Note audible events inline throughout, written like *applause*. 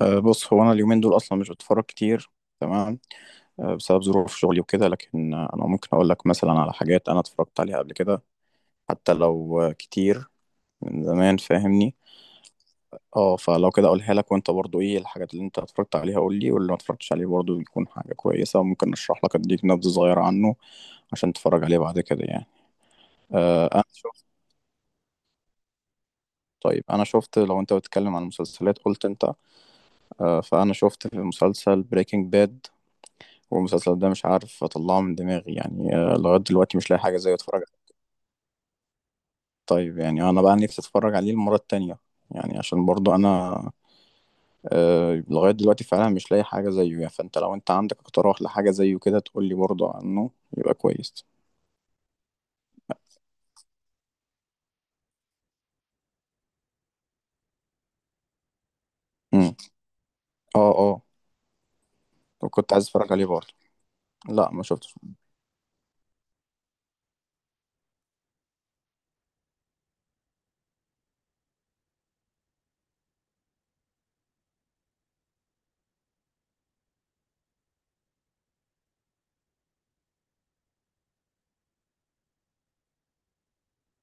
بص هو انا اليومين دول اصلا مش بتفرج كتير. تمام. بسبب ظروف شغلي وكده، لكن انا ممكن اقول لك مثلا على حاجات انا اتفرجت عليها قبل كده، حتى لو كتير من زمان، فاهمني. اه فلو كده اقولها لك، وانت برضو ايه الحاجات اللي انت اتفرجت عليها قول لي، واللي ما اتفرجتش عليه برضو يكون حاجة كويسة وممكن اشرح لك، اديك نبذة صغيرة عنه عشان تتفرج عليه بعد كده يعني. انا شفت. طيب انا شفت، لو انت بتتكلم عن المسلسلات قلت انت. فانا شفت في مسلسل بريكنج باد، والمسلسل ده مش عارف اطلعه من دماغي يعني، لغاية دلوقتي مش لاقي حاجة زي اتفرج عليه. طيب يعني انا بقى نفسي اتفرج عليه المرة التانية، يعني عشان برضو انا لغاية دلوقتي فعلا مش لاقي حاجة زيه يعني، فانت لو انت عندك اقتراح لحاجة زيه كده تقول لي برضو عنه يبقى كويس. امم. اه. وكنت عايز اتفرج عليه برضو. لا، ما شفتش.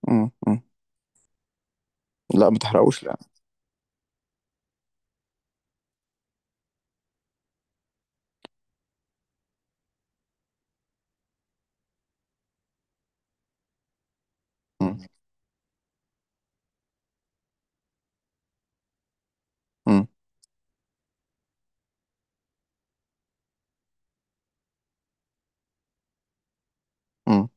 امم. أمم. لا ما تحرقوش، لا. امم. امم. أمم.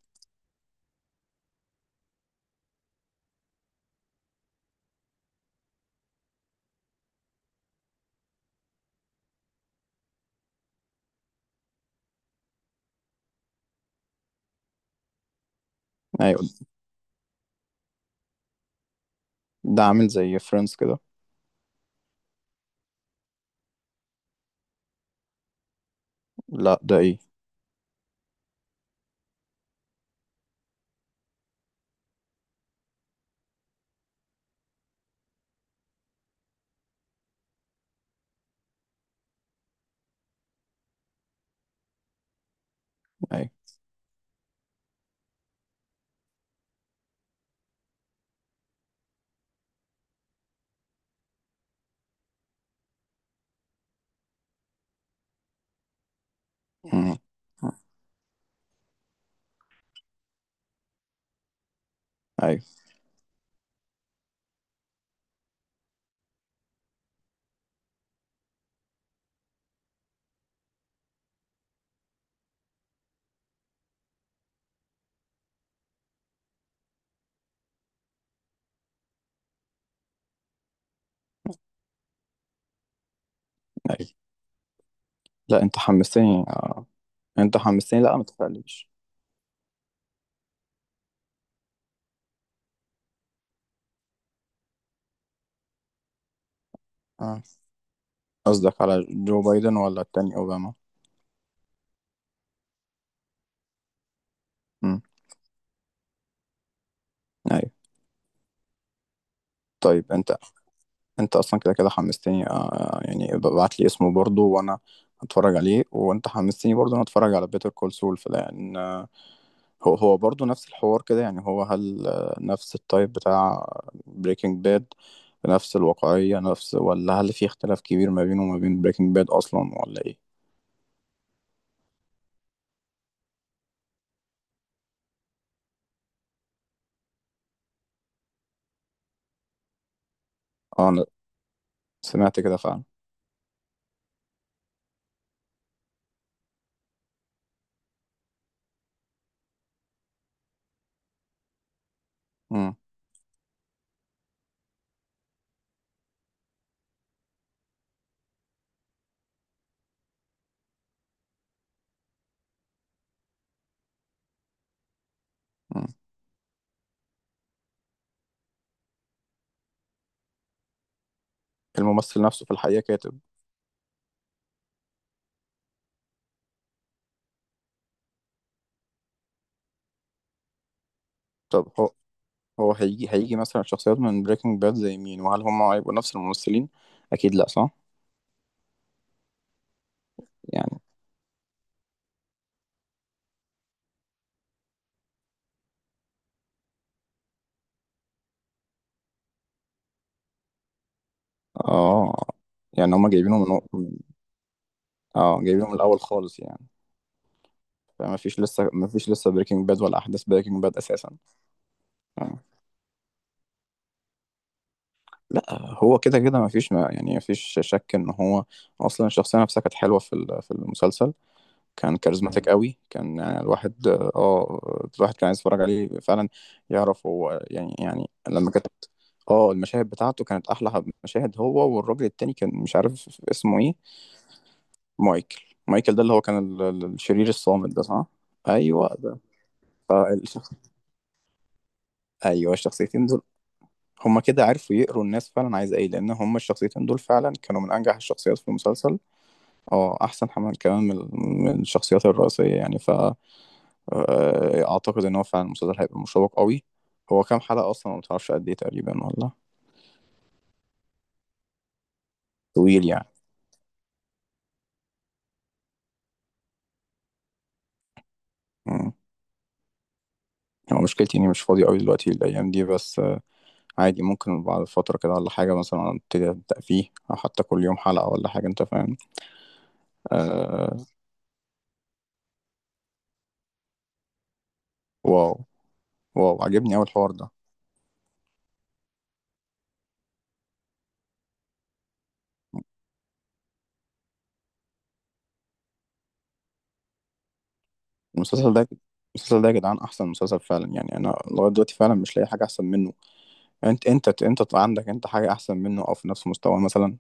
ايوه. ده عامل زي فريندز كده؟ لا، ده ايه؟ ايوه. أمم. ايوه، ايوه. لا، انت حمستني آه. يعني انت حمستني، لا ما تفعليش. اه. قصدك على جو بايدن، ولا التاني اوباما؟ امم. ايوه. طيب انت، انت اصلا كده كده حمستني آه، يعني ابعت لي اسمه برضو، وانا هتفرج عليه. وانت حمستني برضو انا اتفرج على بيتر كول سول، لان هو برضو نفس الحوار كده يعني، هو هل نفس التايب بتاع بريكنج باد، نفس الواقعية، نفس ولا هل في اختلاف كبير ما بينه وما بين بريكنج باد اصلا، ولا ايه؟ اه، انا سمعت كده فعلا. امم. امم. الممثل نفسه في الحقيقة كاتب؟ طب هو، هو هيجي مثلا شخصيات من بريكنج باد زي مين؟ وهل هم هيبقوا نفس الممثلين؟ اكيد لا، صح؟ يعني اه، يعني هم اه جايبينهم من الاول خالص يعني؟ فما فيش لسه، ما فيش لسه بريكنج باد ولا احداث بريكنج باد اساسا؟ آه. لا هو كده كده ما فيش، ما يعني ما فيش شك ان هو اصلا الشخصيه نفسها كانت حلوه في في المسلسل. كان كاريزماتيك قوي كان، يعني الواحد الواحد كان عايز يتفرج عليه فعلا، يعرف هو يعني، يعني لما كانت اه المشاهد بتاعته كانت احلى مشاهد. هو والراجل التاني كان مش عارف اسمه ايه. مايكل. مايكل ده اللي هو كان الشرير الصامت ده، صح؟ ايوه ده. فالشخص، ايوه الشخصيتين دول هما كده عرفوا يقروا الناس فعلا عايزه ايه، لان هما الشخصيتين دول فعلا كانوا من انجح الشخصيات في المسلسل. اه، احسن حمل كمان من من الشخصيات الرئيسيه يعني، ف اعتقد ان هو فعلا المسلسل هيبقى مشوق قوي. هو كام حلقة اصلا، ما بتعرفش قد ايه تقريبا والله؟ طويل يعني. مم. هو مشكلتي اني مش فاضي قوي دلوقتي الايام دي، بس عادي ممكن بعد فترة كده ولا حاجة مثلا ابدأ فيه، او حتى كل يوم حلقة ولا حاجة، انت فاهم. آه. واو. واو، عجبني اوي الحوار ده. المسلسل ده، المسلسل ده يا جدعان احسن مسلسل فعلا يعني، انا لغايه دلوقتي فعلا مش لاقي حاجه احسن منه. انت، انت طلع عندك انت حاجه احسن منه او في نفس مستواه مثلا؟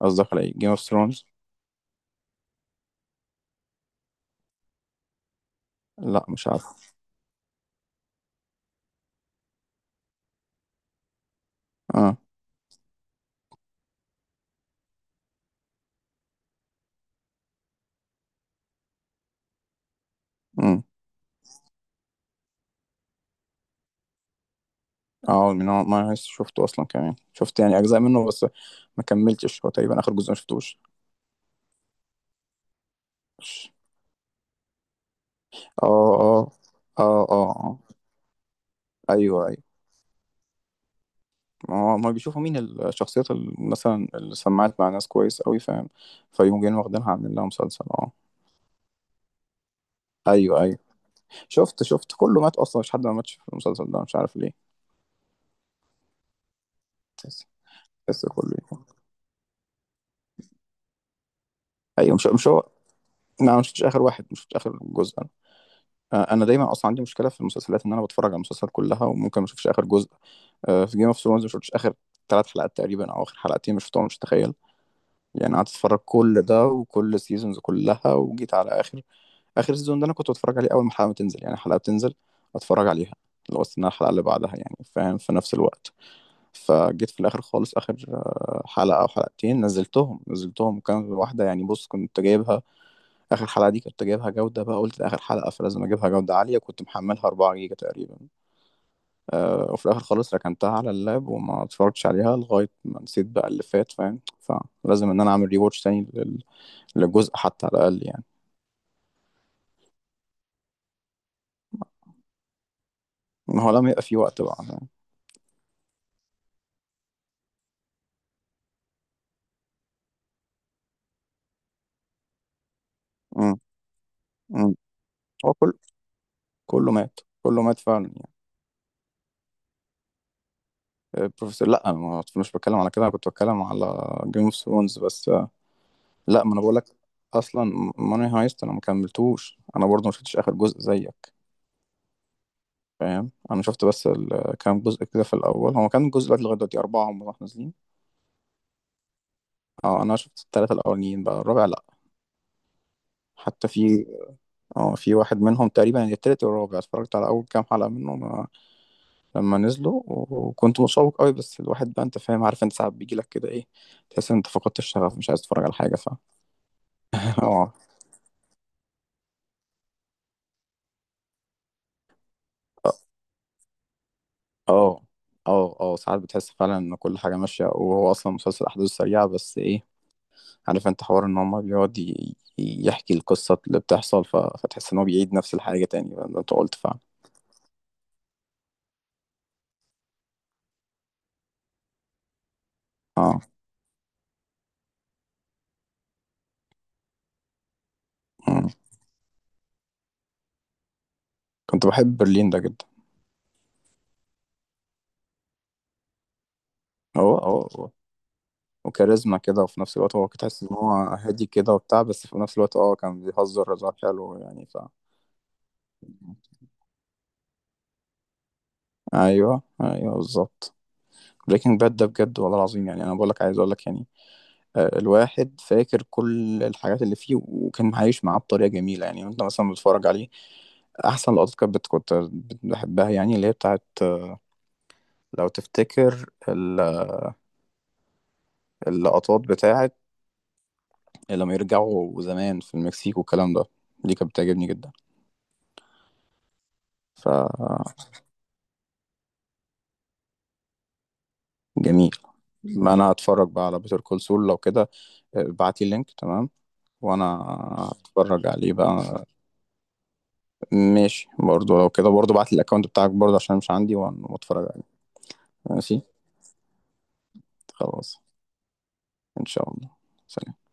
قصدك على ايه، جيم اوف ثرونز؟ لا، مش عارف. آه. امم. اه، من هو ما شفته اصلا كمان. شفت يعني اجزاء منه بس، ما كملتش. هو تقريبا اخر جزء ما شفتوش. اه اه اه. اه. اه ايوه، ايوه. ما هو ما بيشوفوا مين الشخصيات اللي مثلا اللي سمعت مع ناس كويس قوي، فاهم، فيقوم جايين واخدينها عاملين لها مسلسل. اه. ايوه، ايوه. شفت، شفت كله مات اصلا. مش حد ما ماتش في المسلسل ده، مش عارف ليه. بس، بس كله. ايوه، مش مش هو. لا، ما مش شفتش اخر واحد، مش شفتش اخر جزء. انا دايما اصلا عندي مشكله في المسلسلات، ان انا بتفرج على المسلسل كلها وممكن ما اشوفش اخر جزء. في جيم اوف ثرونز ما شفتش اخر ثلاث حلقات تقريبا، او اخر حلقتين مش شفتهم، مش تخيل. يعني قعدت اتفرج كل ده وكل السيزونز كلها، وجيت على اخر، اخر سيزون ده انا كنت بتفرج عليه اول ما الحلقه ما تنزل. يعني الحلقه بتنزل اتفرج عليها، لو استنى الحلقه اللي بعدها يعني، فاهم، في نفس الوقت. فجيت في الاخر خالص، اخر حلقه او حلقتين نزلتهم، نزلتهم كان واحده. يعني بص، كنت جايبها، اخر حلقه دي كنت جايبها جوده بقى، قلت ده اخر حلقه فلازم اجيبها جوده عاليه، كنت محملها 4 جيجا تقريبا. أه، وفي الاخر خالص ركنتها على اللاب وما اتفرجتش عليها لغايه ما نسيت بقى اللي فات، فاهم. فلازم ان انا اعمل ريواتش تاني للجزء حتى على الاقل يعني. ما هو لما يبقى في وقت بقى، فاهم. أمم. أمم. هو كل، كله مات، كله مات فعلا يعني. بروفيسور لا، أنا ما- مش بتكلم على كده، انا كنت بتكلم على جيم اوف ثرونز بس. لا ما انا بقول لك، اصلا ماني هايست انا ما كملتوش، انا برضه ما شفتش اخر جزء زيك، فاهم. انا شفت بس كام جزء كده في الاول. هو كان جزء بقى لغايه دلوقتي اربعه هم راح نازلين. اه، انا شفت الثلاثه الاولانيين، بقى الرابع لا. حتى في، اه في واحد منهم تقريبا يعني التالت والرابع، اتفرجت على اول كام حلقه منهم لما نزلوا وكنت متشوق قوي، بس الواحد بقى انت فاهم، عارف انت ساعات بيجي لك كده ايه، تحس ان انت فقدت الشغف، مش عايز تتفرج على حاجه. ف *laughs* اه. اه اه. اه، ساعات بتحس فعلا ان كل حاجه ماشيه، وهو اصلا مسلسل احداثه سريعه، بس ايه، عارف انت حوار ان هما بيقعد يحكي القصة اللي بتحصل، فتحس ان هو بيعيد نفس الحاجة تاني، فده انت قلت فعلا. اه. مم. كنت بحب برلين ده جدا. هو وكاريزما كده، وفي نفس الوقت هو كنت تحس ان هو هادي كده وبتاع، بس في نفس الوقت اه كان بيهزر هزار حلو يعني. ف ايوه، ايوه بالظبط. بريكنج باد ده بجد والله العظيم يعني، انا بقول لك عايز اقول لك يعني، الواحد فاكر كل الحاجات اللي فيه، وكان عايش معاه بطريقة جميلة يعني، وانت مثلا بتتفرج عليه. أحسن لقطات كانت كنت بحبها، يعني اللي هي بتاعت، لو تفتكر اللقطات بتاعت لما يرجعوا زمان في المكسيك والكلام ده، دي كانت بتعجبني جدا، فجميل. ما أنا هتفرج بقى على بيتر كول سول لو كده، ابعتلي اللينك تمام، وأنا هتفرج عليه بقى. ماشي، برضو لو كده برضو بعت الأكونت بتاعك برضو عشان مش عندي، وأتفرج عليه. ماشي. خلاص. إن شاء الله. سلام.